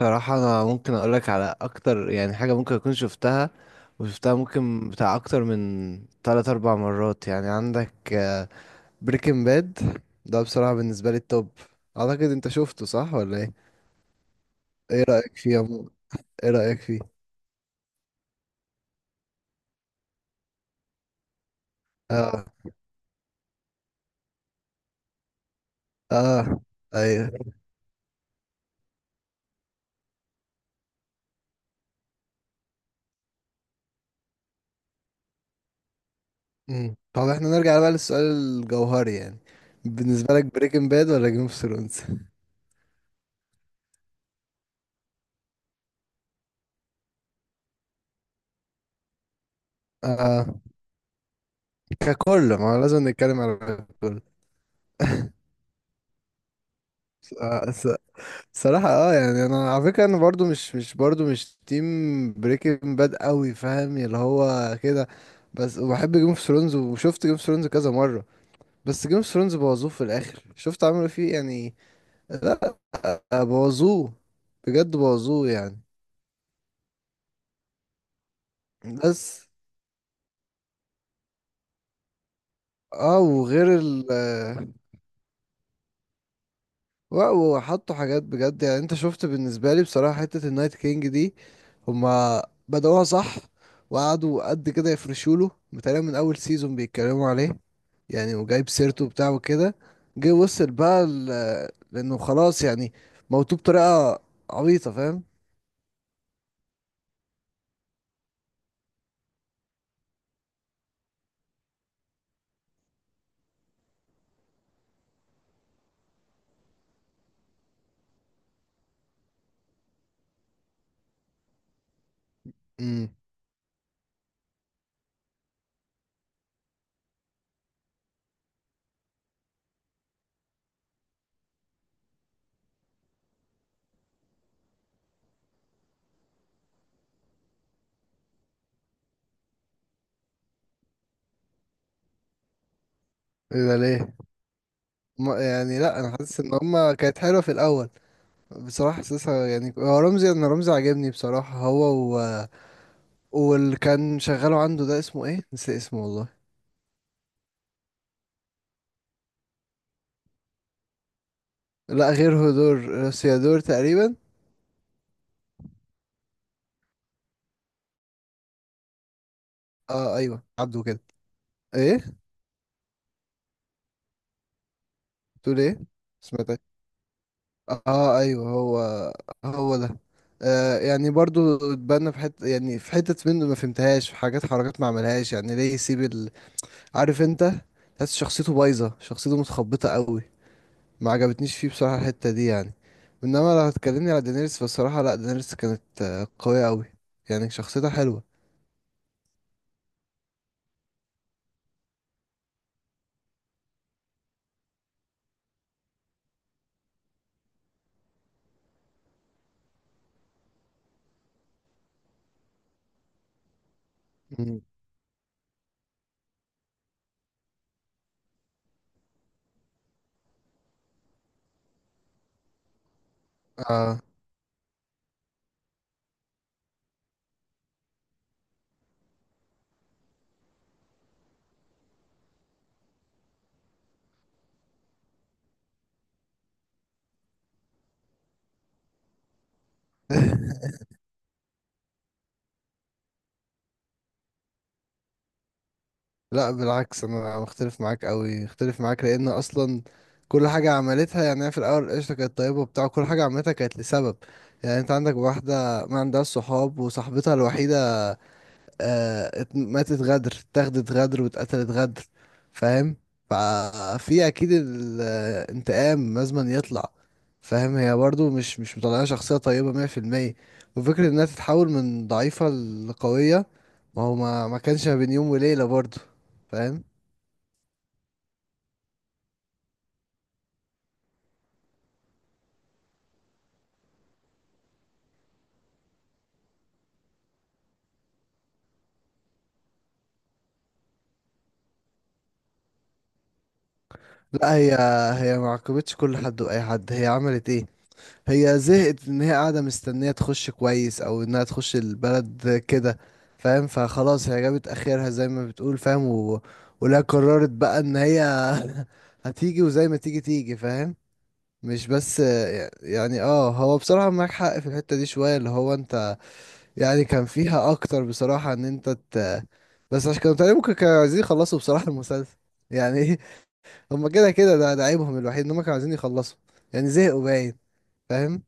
صراحة أنا ممكن أقولك على أكتر، يعني حاجة ممكن أكون شفتها وشفتها، ممكن بتاع أكتر من تلات أربع مرات. يعني عندك بريكنج باد، ده بصراحة بالنسبة لي التوب. أعتقد أنت شفته، صح ولا إيه؟ إيه رأيك فيه يا عمو؟ إيه رأيك فيه؟ آه. آه. أيوه. أمم. طب إحنا نرجع بقى للسؤال الجوهري، يعني بالنسبة لك بريكنج باد ولا جيم اوف ثرونز؟ آه، ككل ما هو لازم نتكلم على ككل. آه، صراحة يعني انا على فكرة انا برضو مش تيم بريكنج باد قوي، فاهم؟ اللي هو كده. بس وبحب جيم اوف ثرونز وشفت جيم اوف ثرونز كذا مرة، بس جيم اوف ثرونز بوظوه في الاخر. شفت عملوا فيه يعني، بوظوه. بجد بوظوه يعني. بس اه وغير ال آه، لا وحطوا حاجات بجد، يعني انت شفت بالنسبة لي بصراحة حتة النايت كينج دي، هما بدأوها صح وقعدوا قد كده يفرشوا له، بتهيألي من أول سيزون بيتكلموا عليه يعني، وجايب سيرته بتاعه وكده. جه وصل بقى لأنه خلاص يعني موتوه بطريقة عبيطة، فاهم؟ امم ايه ده ليه؟ يعني لا انا حاسس ان هما كانت حلوه في الاول بصراحه. حاسسها يعني هو رمزي، انا رمزي عاجبني بصراحه. هو و... واللي كان شغاله عنده ده اسمه ايه؟ نسي اسمه والله. لا غير هدور، سيادور تقريبا. اه ايوه، عدوا كده. ايه؟ تقول ايه؟ سمعتك. اه ايوه، هو. هو ده. يعني برضو اتبنى في حته، يعني في حتت منه ما فهمتهاش، في حاجات حركات ما عملهاش، يعني ليه يسيب ال... عارف انت، تحس شخصيته بايظه، شخصيته متخبطه قوي. ما عجبتنيش فيه بصراحه الحته دي يعني. انما لو هتكلمني على دينيرس، فالصراحه لا دينيرس كانت قويه قوي. يعني شخصيتها حلوه. مم. اه. لا بالعكس، انا مختلف معاك قوي، اختلف معاك لان اصلا كل حاجه عملتها، يعني هي في الاول قشطه، كانت طيبه وبتاع. كل حاجه عملتها كانت لسبب، يعني انت عندك واحده ما عندهاش صحاب وصاحبتها الوحيده ماتت غدر، اتاخدت غدر، واتقتلت غدر، فاهم؟ ففي اكيد الانتقام لازم يطلع، فاهم؟ هي برضو مش مطلعه شخصيه طيبه 100%. وفكره انها تتحول من ضعيفه لقويه، ما هو ما كانش ما بين يوم وليله برضو، فاهم؟ لا، هي ما عاقبتش كل حد واي حد. هي عملت ايه؟ هي زهقت ان هي قاعده مستنيه تخش كويس، او انها تخش البلد كده، فاهم؟ فخلاص، هي جابت اخرها زي ما بتقول، فاهم؟ و... ولا قررت بقى ان هي هتيجي، وزي ما تيجي تيجي، فاهم؟ مش بس يعني، هو بصراحه معاك حق في الحته دي شويه، اللي هو انت، يعني كان فيها اكتر بصراحه ان انت ت... بس عشان كانوا تقريبا، ممكن كانوا عايزين يخلصوا بصراحه المسلسل يعني. هما كده كده، ده ده عيبهم الوحيد، ان هما كانوا عايزين يخلصوا، يعني زهقوا باين، فاهم؟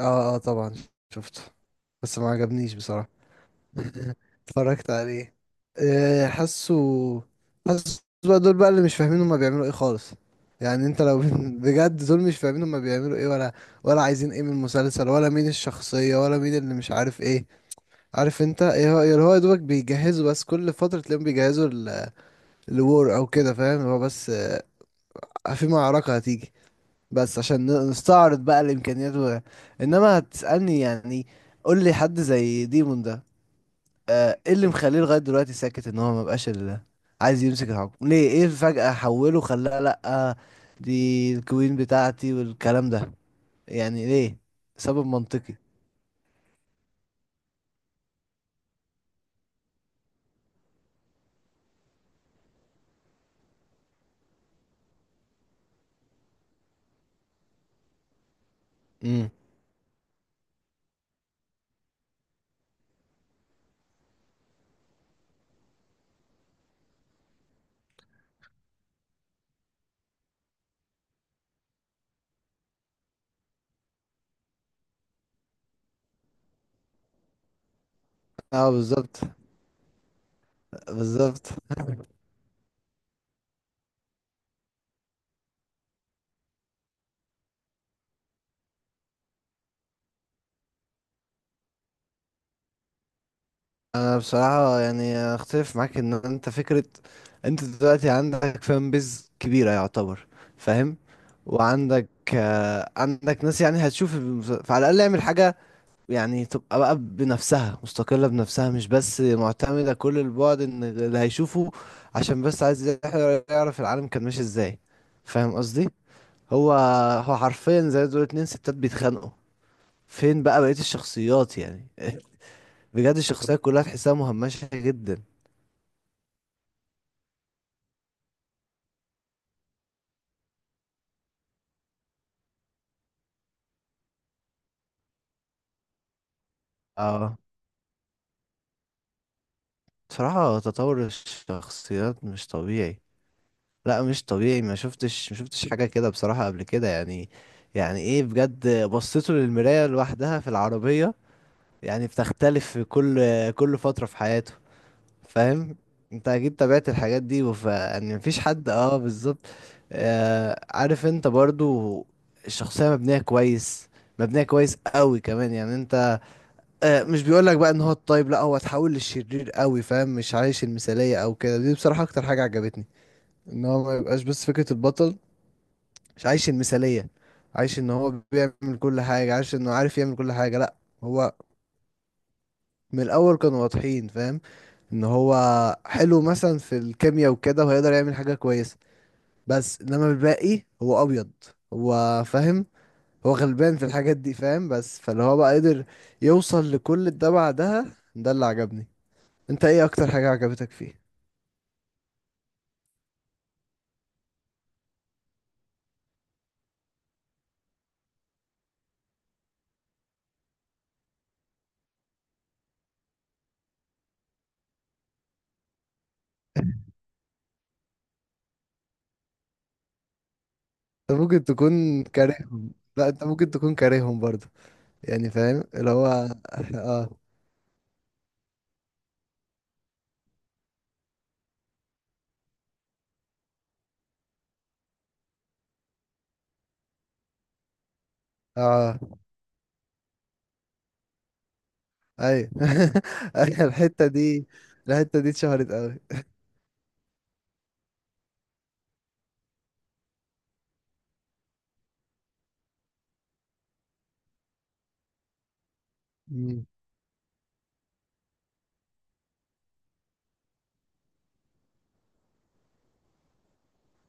اه اه، طبعا شفته. بس ما عجبنيش بصراحة. اتفرجت عليه. آه، حاسه حاسه بقى دول بقى اللي مش فاهمين هما بيعملوا ايه خالص. يعني انت لو بجد، دول مش فاهمين هما بيعملوا ايه، ولا عايزين ايه من المسلسل، ولا مين الشخصية، ولا مين اللي مش عارف ايه. عارف انت ايه هو اللي هو، يا دوبك بيجهزوا، بس كل فترة تلاقيهم بيجهزوا الوور او كده، فاهم؟ هو بس في معركة هتيجي، بس عشان نستعرض بقى الامكانيات. و... انما هتسالني يعني قول لي حد زي ديمون ده، ايه اللي مخليه لغايه دلوقتي ساكت؟ ان هو ما بقاش ال... عايز يمسك الحكم ليه؟ ايه فجاه حوله، خلاه لا دي الكوين بتاعتي والكلام ده، يعني ليه؟ سبب منطقي. امم. اه بالظبط. بالظبط. انا بصراحة يعني اختلف معاك، ان انت فكرة، انت دلوقتي عندك فان بيز كبيرة يعتبر، فاهم؟ وعندك عندك ناس، يعني هتشوف فعلى الاقل اعمل حاجة، يعني تبقى بقى بنفسها، مستقلة بنفسها، مش بس معتمدة كل البعد ان اللي هيشوفه عشان بس عايز يعرف العالم كان ماشي ازاي، فاهم قصدي؟ هو هو حرفيا زي دول، اتنين ستات بيتخانقوا. فين بقى بقية الشخصيات يعني؟ بجد الشخصيات كلها تحسها مهمشة جدا. اه، بصراحة تطور الشخصيات مش طبيعي. لا مش طبيعي، ما شفتش حاجة كده بصراحة قبل كده يعني. يعني ايه بجد، بصيته للمراية لوحدها في العربية، يعني بتختلف في كل فترة في حياته، فاهم؟ انت اكيد تابعت الحاجات دي، يعني مفيش حد، اه بالظبط. عارف انت، برضو الشخصية مبنية كويس، مبنية كويس قوي كمان يعني انت، مش بيقول لك بقى ان هو الطيب لا هو اتحول للشرير قوي، فاهم؟ مش عايش المثالية او كده، دي بصراحة اكتر حاجة عجبتني، ان هو ما يبقاش بس فكرة البطل، مش عايش المثالية، عايش ان هو بيعمل كل حاجة، عايش انه عارف يعمل كل حاجة، لا. هو من الاول كانوا واضحين، فاهم؟ ان هو حلو مثلا في الكيمياء وكده، وهيقدر يعمل حاجة كويسة، بس انما الباقي هو ابيض، هو فاهم، هو غلبان في الحاجات دي، فاهم؟ بس فاللي هو بقى قدر يوصل لكل ده بعدها، ده اللي عجبني. انت ايه اكتر حاجة عجبتك فيه؟ انت ممكن تكون كارههم. لا انت ممكن تكون كارههم برضه. يعني فاهم اللي هو. اه اه ايوه. الحتة دي الحتة دي اتشهرت قوي